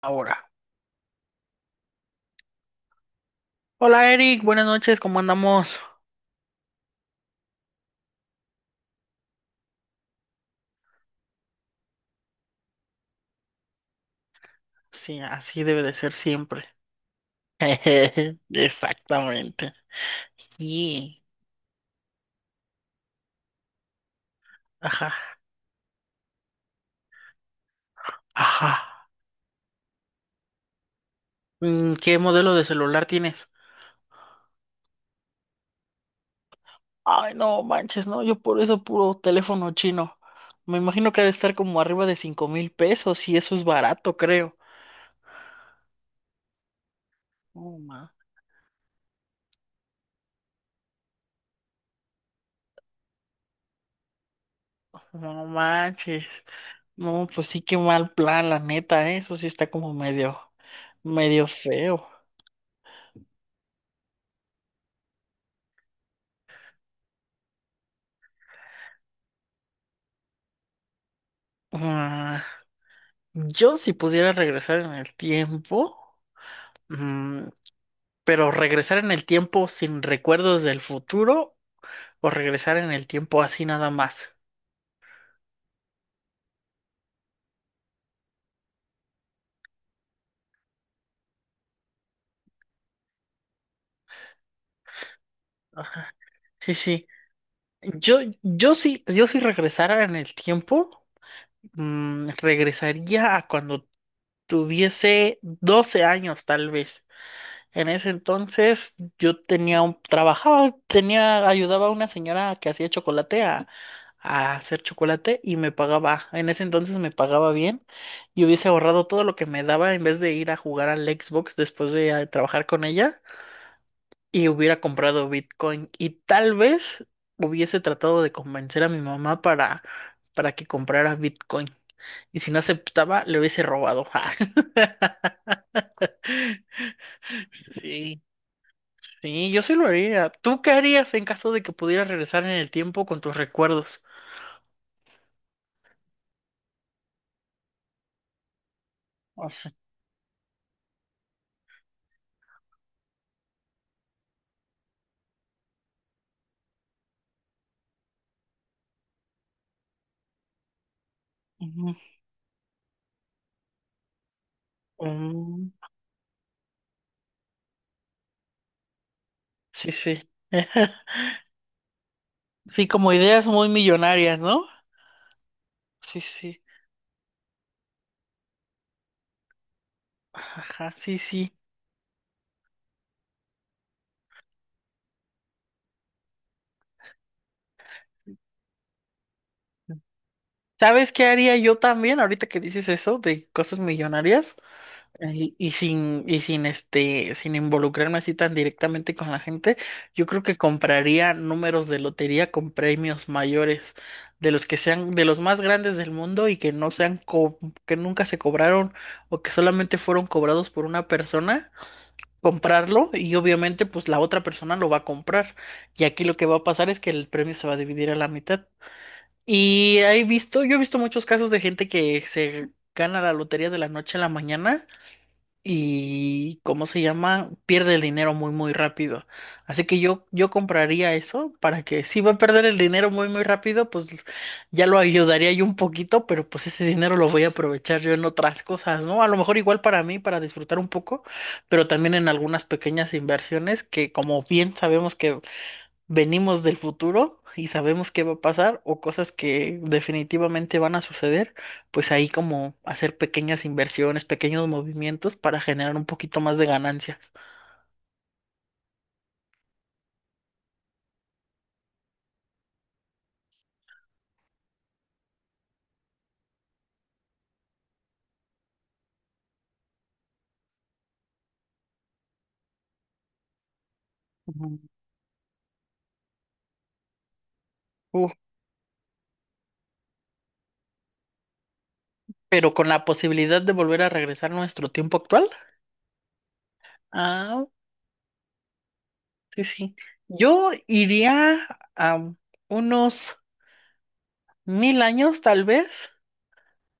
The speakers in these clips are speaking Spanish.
Ahora. Hola Eric, buenas noches, ¿cómo andamos? Sí, así debe de ser siempre. Exactamente. Sí. Ajá. Ajá. ¿Qué modelo de celular tienes? Ay, no manches, no, yo por eso puro teléfono chino. Me imagino que ha de estar como arriba de 5,000 pesos y eso es barato, creo. No, ma- no manches. No, pues sí, qué mal plan, la neta, ¿eh? Eso sí está como medio feo. Ah, yo si pudiera regresar en el tiempo, mm, pero regresar en el tiempo sin recuerdos del futuro o regresar en el tiempo así nada más. Ajá. Sí, sí. Yo si regresara en el tiempo, regresaría a cuando tuviese 12 años tal vez. En ese entonces yo tenía un, trabajaba, tenía, ayudaba a una señora que hacía chocolate a hacer chocolate y me pagaba, en ese entonces me pagaba bien y hubiese ahorrado todo lo que me daba en vez de ir a jugar al Xbox después de trabajar con ella y hubiera comprado Bitcoin y tal vez hubiese tratado de convencer a mi mamá para que comprara Bitcoin y si no aceptaba le hubiese robado. Sí, sí, yo sí lo haría. ¿Tú qué harías en caso de que pudieras regresar en el tiempo con tus recuerdos? O sea, ujú, mm, sí, sí. Sí, como ideas muy millonarias, ¿no? Sí, sí. Ajá, sí, sí. ¿Sabes qué haría yo también ahorita que dices eso de cosas millonarias? Ay, y sin, y sin este, sin involucrarme así tan directamente con la gente, yo creo que compraría números de lotería con premios mayores, de los que sean, de los más grandes del mundo y que no sean co- que nunca se cobraron o que solamente fueron cobrados por una persona, comprarlo y obviamente pues la otra persona lo va a comprar. Y aquí lo que va a pasar es que el premio se va a dividir a la mitad. Y he visto, yo he visto muchos casos de gente que se gana la lotería de la noche a la mañana y ¿cómo se llama? Pierde el dinero muy muy rápido. Así que yo compraría eso para que si va a perder el dinero muy muy rápido, pues ya lo ayudaría yo un poquito, pero pues ese dinero lo voy a aprovechar yo en otras cosas, ¿no? A lo mejor igual para mí, para disfrutar un poco, pero también en algunas pequeñas inversiones que como bien sabemos que venimos del futuro y sabemos qué va a pasar o cosas que definitivamente van a suceder, pues ahí como hacer pequeñas inversiones, pequeños movimientos para generar un poquito más de ganancias. Ujú. Uh, pero con la posibilidad de volver a regresar a nuestro tiempo actual. Ah, sí, sí. Yo iría a unos 1,000 años, tal vez,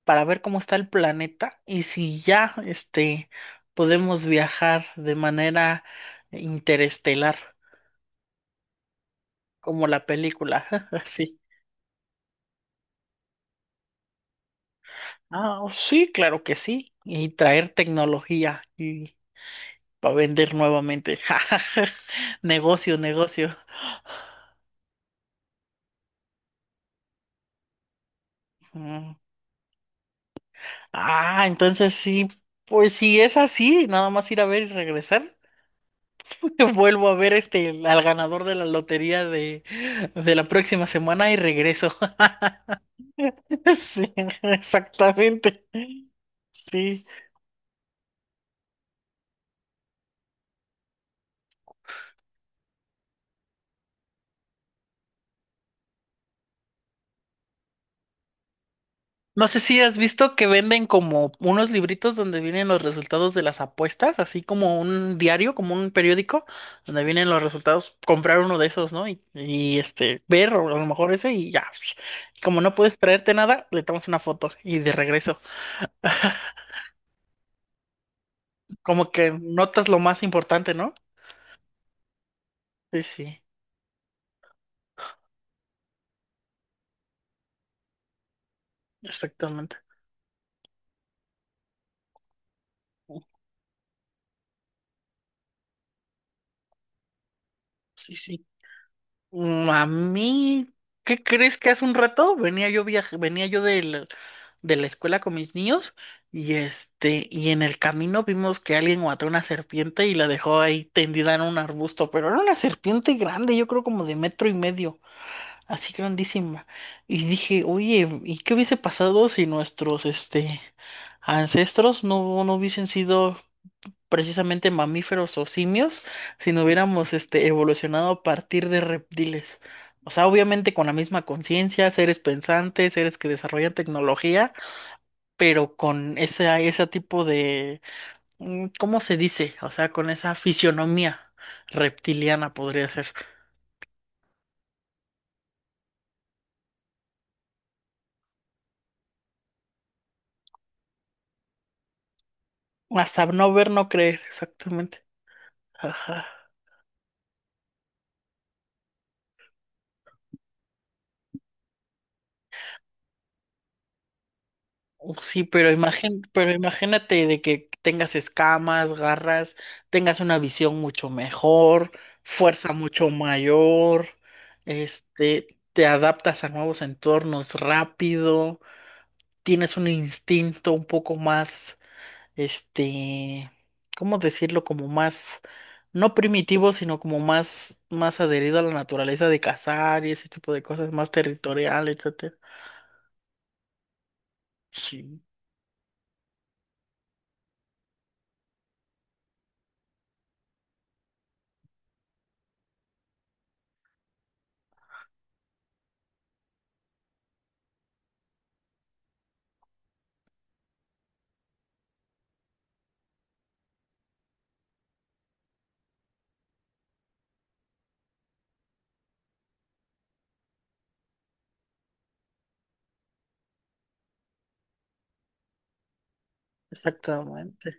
para ver cómo está el planeta y si ya podemos viajar de manera interestelar, como la película. Así. Ah, oh, sí, claro que sí. Y traer tecnología y para vender nuevamente. Negocio, negocio. Mm. Ah, entonces sí, pues si es así, nada más ir a ver y regresar. Vuelvo a ver al ganador de la lotería de la próxima semana y regreso. Sí, exactamente. Sí. No sé si has visto que venden como unos libritos donde vienen los resultados de las apuestas, así como un diario, como un periódico, donde vienen los resultados. Comprar uno de esos, ¿no? Ver o a lo mejor ese y ya. Como no puedes traerte nada, le tomas una foto y de regreso. Como que notas lo más importante, ¿no? Sí, sí, exactamente. Sí, sí. A mí, ¿qué crees que hace un rato venía yo de la escuela con mis niños y y en el camino vimos que alguien mató una serpiente y la dejó ahí tendida en un arbusto, pero era una serpiente grande, yo creo como de metro y medio, así grandísima. Y dije, oye, ¿y qué hubiese pasado si nuestros ancestros no no hubiesen sido precisamente mamíferos o simios si no hubiéramos evolucionado a partir de reptiles. O sea, obviamente con la misma conciencia, seres pensantes, seres que desarrollan tecnología, pero con ese tipo de, ¿cómo se dice? O sea, con esa fisionomía reptiliana podría ser. Hasta no ver, no creer, exactamente. Oh, sí, pero imagínate de que tengas escamas, garras, tengas una visión mucho mejor, fuerza mucho mayor, te adaptas a nuevos entornos rápido, tienes un instinto un poco más, este, ¿cómo decirlo? Como más, no primitivo, sino como más adherido a la naturaleza de cazar y ese tipo de cosas, más territorial, etcétera. Sí, exactamente.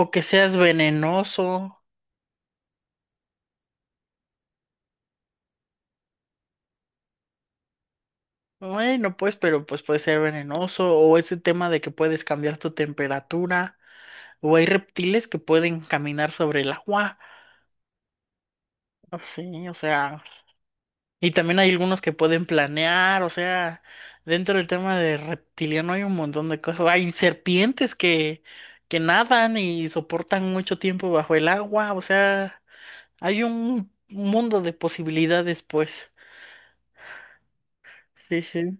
O que seas venenoso. Bueno, pues, pero pues puede ser venenoso. O ese tema de que puedes cambiar tu temperatura. O hay reptiles que pueden caminar sobre el agua. Así, o sea. Y también hay algunos que pueden planear. O sea, dentro del tema de reptiliano hay un montón de cosas. Hay serpientes que nadan y soportan mucho tiempo bajo el agua. O sea, hay un mundo de posibilidades, pues. Sí, sí.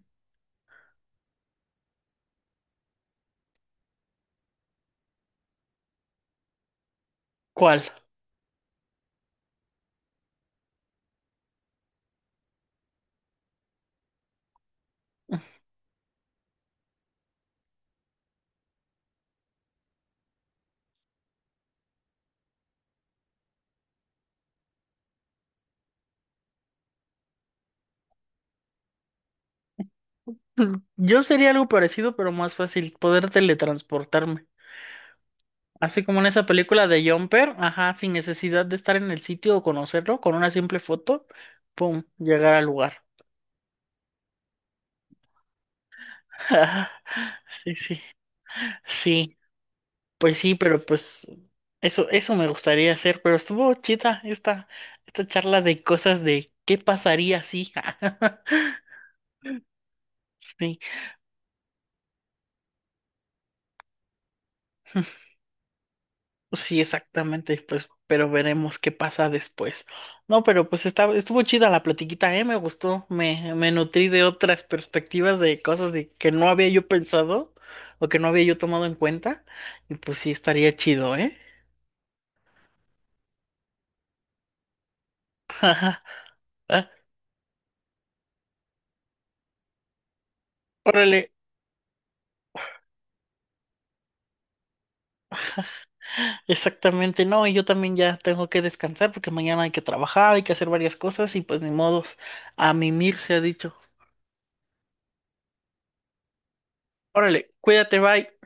¿Cuál? Pues, yo sería algo parecido, pero más fácil, poder teletransportarme. Así como en esa película de Jumper, ajá, sin necesidad de estar en el sitio o conocerlo, con una simple foto, pum, llegar al lugar. Sí, sí, sí, pues sí, pero pues eso me gustaría hacer, pero estuvo chida esta charla de cosas de qué pasaría si. Sí, sí, exactamente, pues, pero veremos qué pasa después. No, pero pues está, estuvo chida la platiquita, me gustó, me nutrí de otras perspectivas de cosas de que no había yo pensado o que no había yo tomado en cuenta, y pues sí estaría chido, ¿eh? Ah, órale, exactamente, no, y yo también ya tengo que descansar porque mañana hay que trabajar, hay que hacer varias cosas y pues ni modos, a mimir se ha dicho. Órale, cuídate, bye.